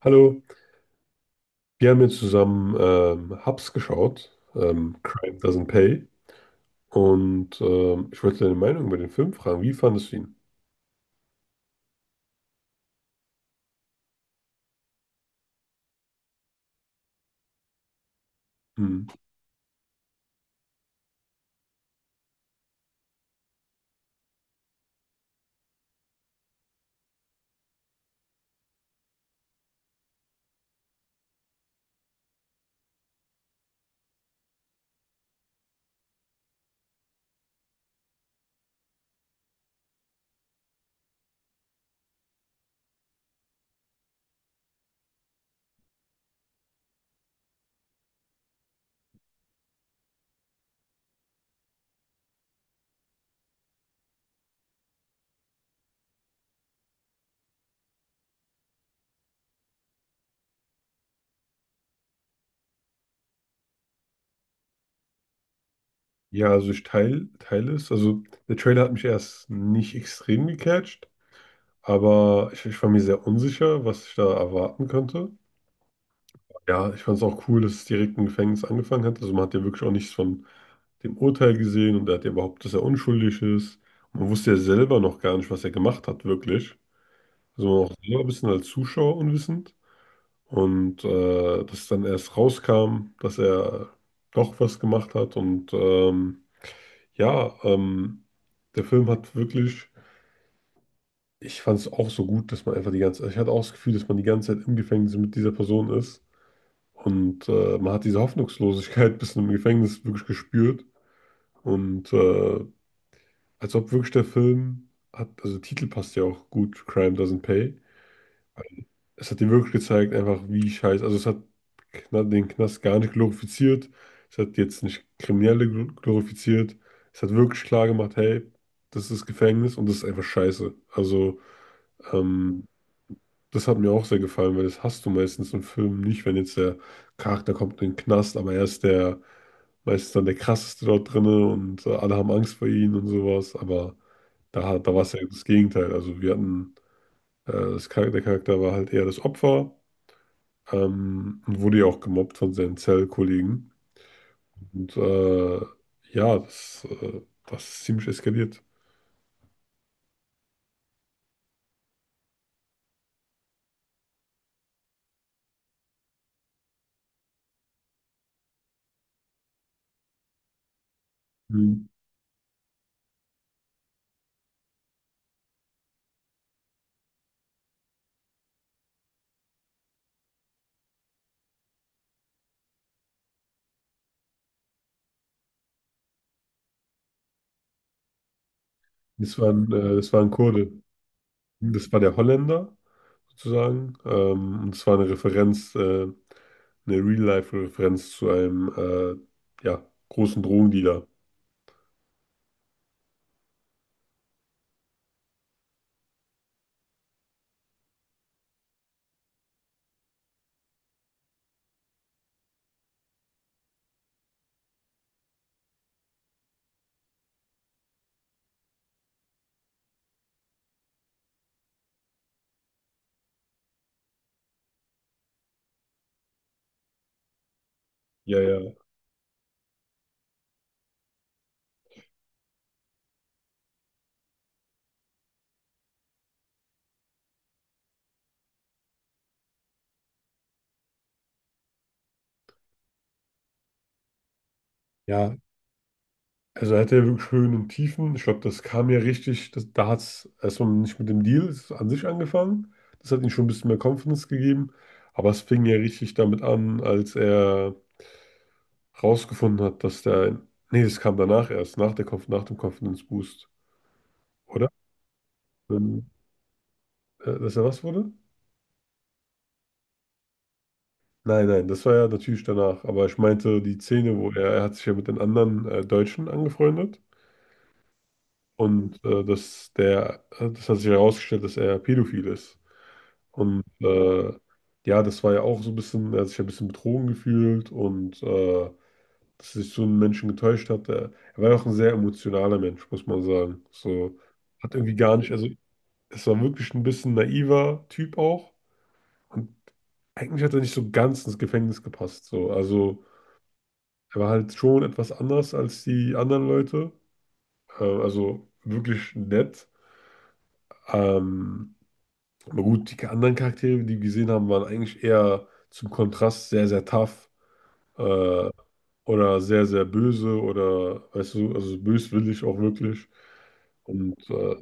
Hallo, wir haben jetzt zusammen Hubs geschaut, Crime Doesn't Pay. Und ich wollte deine Meinung über den Film fragen. Wie fandest du ihn? Hm. Ja, also ich teile teil es. Also der Trailer hat mich erst nicht extrem gecatcht, aber ich war mir sehr unsicher, was ich da erwarten könnte. Ja, ich fand es auch cool, dass es direkt im Gefängnis angefangen hat. Also man hat ja wirklich auch nichts von dem Urteil gesehen und er hat ja überhaupt, dass er unschuldig ist. Man wusste ja selber noch gar nicht, was er gemacht hat, wirklich. Also man war auch selber ein bisschen als Zuschauer unwissend. Und dass dann erst rauskam, dass er doch was gemacht hat. Und ja, ähm, der Film hat wirklich, ich fand es auch so gut, dass man einfach die ganze, ich hatte auch das Gefühl, dass man die ganze Zeit im Gefängnis mit dieser Person ist. Und man hat diese Hoffnungslosigkeit bis im Gefängnis wirklich gespürt. Und als ob wirklich der Film hat, also der Titel passt ja auch gut, Crime Doesn't Pay, es hat dir wirklich gezeigt, einfach wie scheiße. Also es hat den Knast gar nicht glorifiziert. Es hat jetzt nicht Kriminelle glorifiziert. Es hat wirklich klar gemacht, hey, das ist Gefängnis und das ist einfach scheiße. Also ähm, das hat mir auch sehr gefallen, weil das hast du meistens in Filmen nicht, wenn jetzt der Charakter kommt in den Knast, aber er ist der meistens dann der krasseste dort drinne und alle haben Angst vor ihm und sowas. Aber da war es ja das Gegenteil. Also wir hatten, das Charakter, der Charakter war halt eher das Opfer. Und wurde ja auch gemobbt von seinen Zellkollegen. Und ja, das ist ziemlich eskaliert. Mhm. Das war ein Kurde. Das war der Holländer sozusagen. Und es war eine Referenz, eine Real-Life-Referenz zu einem ja, großen Drogendealer. Ja, ja. Ja, also er hatte ja wirklich Höhen und Tiefen. Ich glaube, das kam ja richtig, das, da hat es erstmal nicht mit dem Deal es an sich angefangen. Das hat ihm schon ein bisschen mehr Confidence gegeben. Aber es fing ja richtig damit an, als er rausgefunden hat, dass der, nee, das kam danach erst, nach der Conf, nach dem Confidence Boost, oder? Ähm, Dass er was wurde? Nein, nein, das war ja natürlich danach. Aber ich meinte die Szene, wo er hat sich ja mit den anderen Deutschen angefreundet und dass der, das hat sich herausgestellt, dass er pädophil ist. Und ja, das war ja auch so ein bisschen, er hat sich ja ein bisschen betrogen gefühlt und dass sich so ein Menschen getäuscht hat. Er war ja auch ein sehr emotionaler Mensch, muss man sagen. So, hat irgendwie gar nicht, also es war wirklich ein bisschen naiver Typ auch. Und eigentlich hat er nicht so ganz ins Gefängnis gepasst. So. Also er war halt schon etwas anders als die anderen Leute. Also wirklich nett. Ähm, Aber gut, die anderen Charaktere, die wir gesehen haben, waren eigentlich eher zum Kontrast sehr, sehr tough, äh, oder sehr, sehr böse oder, weißt du, also böswillig auch wirklich. Und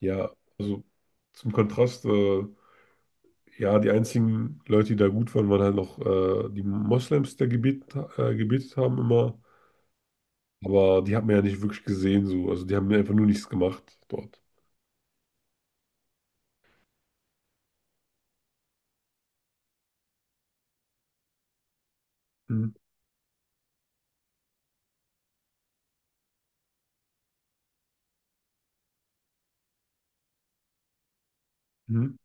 ja, also zum Kontrast, ja, die einzigen Leute, die da gut waren, waren halt noch die Moslems, die da gebetet, gebetet haben immer. Aber die hat man ja nicht wirklich gesehen, so. Also die haben einfach nur nichts gemacht dort. Mhm. Mhm.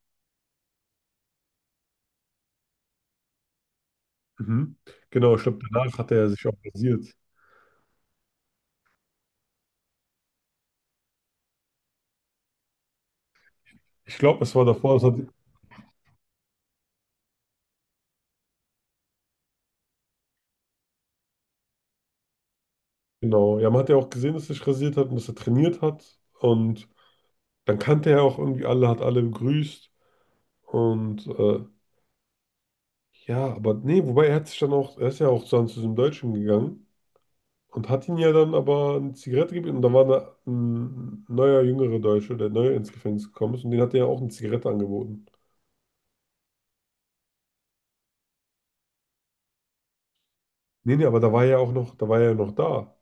Mhm. Genau, ich glaube, danach hat er sich auch rasiert. Ich glaube, es war davor, das hat, genau, ja, man hat ja auch gesehen, dass er sich rasiert hat und dass er trainiert hat. Und dann kannte er auch irgendwie alle, hat alle begrüßt. Und ja, aber nee, wobei er hat sich dann auch, er ist ja auch dann zu diesem Deutschen gegangen und hat ihn ja dann aber eine Zigarette gegeben. Und da war eine, ein neuer, jüngerer Deutsche, der neu ins Gefängnis gekommen ist. Und den hat er ja auch eine Zigarette angeboten. Aber da war er ja auch noch, da war er ja noch da,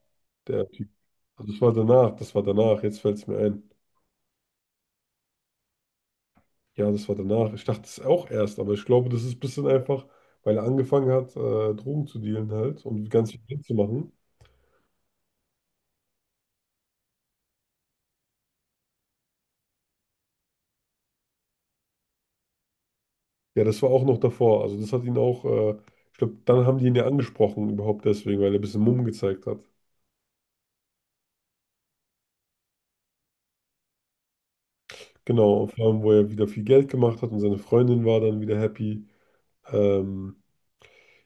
der Typ. Also das war danach, jetzt fällt es mir ein. Ja, das war danach. Ich dachte es auch erst, aber ich glaube, das ist ein bisschen einfach, weil er angefangen hat, Drogen zu dealen halt und ganz viel Geld zu machen. Ja, das war auch noch davor. Also das hat ihn auch, ich glaube, dann haben die ihn ja angesprochen überhaupt deswegen, weil er ein bisschen Mumm gezeigt hat. Genau, und vor allem, wo er wieder viel Geld gemacht hat und seine Freundin war dann wieder happy. Ähm,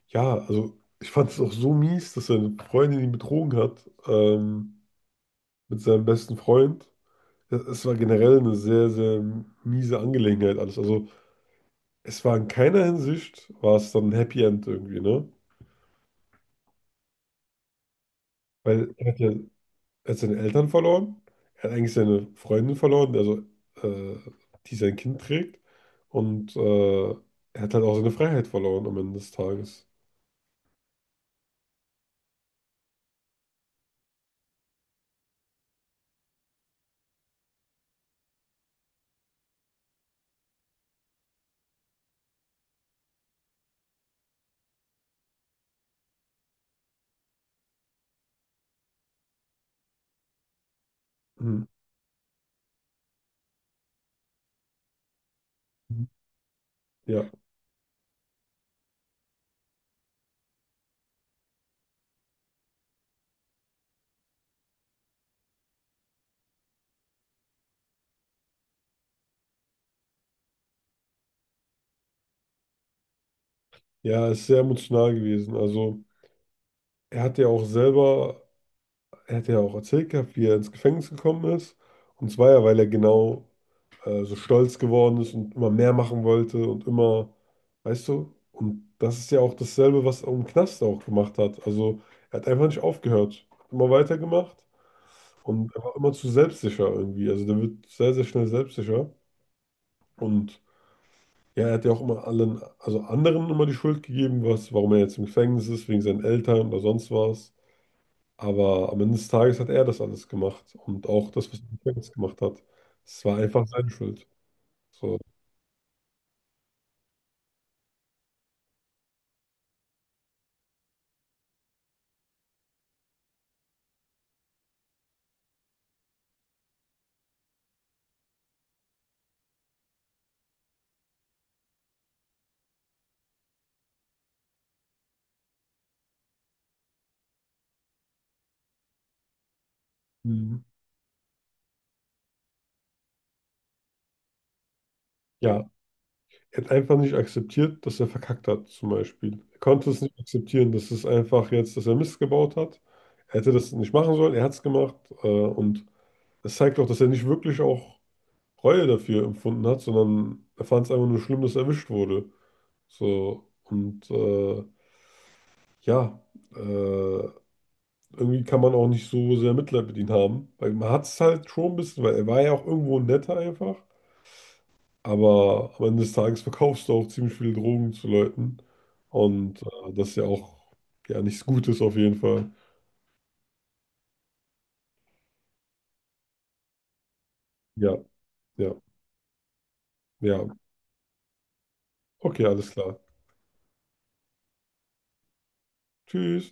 ja, also ich fand es auch so mies, dass seine Freundin ihn betrogen hat, mit seinem besten Freund. Es war generell eine sehr, sehr miese Angelegenheit alles. Also es war in keiner Hinsicht, war es dann ein Happy End irgendwie, ne? Weil er hat ja, er hat seine Eltern verloren, er hat eigentlich seine Freundin verloren, also äh, die sein Kind trägt. Und er hat halt auch seine Freiheit verloren am Ende des Tages. Mhm. Ja, ja, ist sehr emotional gewesen. Also er hat ja auch selber, er hat ja auch erzählt gehabt, wie er ins Gefängnis gekommen ist. Und zwar ja, weil er genau so stolz geworden ist und immer mehr machen wollte und immer, weißt du, und das ist ja auch dasselbe, was er im Knast auch gemacht hat. Also er hat einfach nicht aufgehört, hat immer weitergemacht und er war immer zu selbstsicher irgendwie. Also der wird sehr, sehr schnell selbstsicher. Und ja, er hat ja auch immer allen, also anderen immer die Schuld gegeben, was, warum er jetzt im Gefängnis ist, wegen seinen Eltern oder sonst was. Aber am Ende des Tages hat er das alles gemacht und auch das, was er im Gefängnis gemacht hat. Es war einfach seine Schuld. So. Mhm. Ja, er hat einfach nicht akzeptiert, dass er verkackt hat, zum Beispiel. Er konnte es nicht akzeptieren, dass es einfach jetzt, dass er Mist gebaut hat. Er hätte das nicht machen sollen, er hat es gemacht. Und es zeigt auch, dass er nicht wirklich auch Reue dafür empfunden hat, sondern er fand es einfach nur schlimm, dass er erwischt wurde. So, und ja, äh, irgendwie kann man auch nicht so sehr Mitleid mit ihm haben. Weil man hat es halt schon ein bisschen, weil er war ja auch irgendwo netter einfach. Aber am Ende des Tages verkaufst du auch ziemlich viele Drogen zu Leuten. Und das ist ja auch ja nichts Gutes auf jeden Fall. Ja, ja, ja. Okay, alles klar. Tschüss.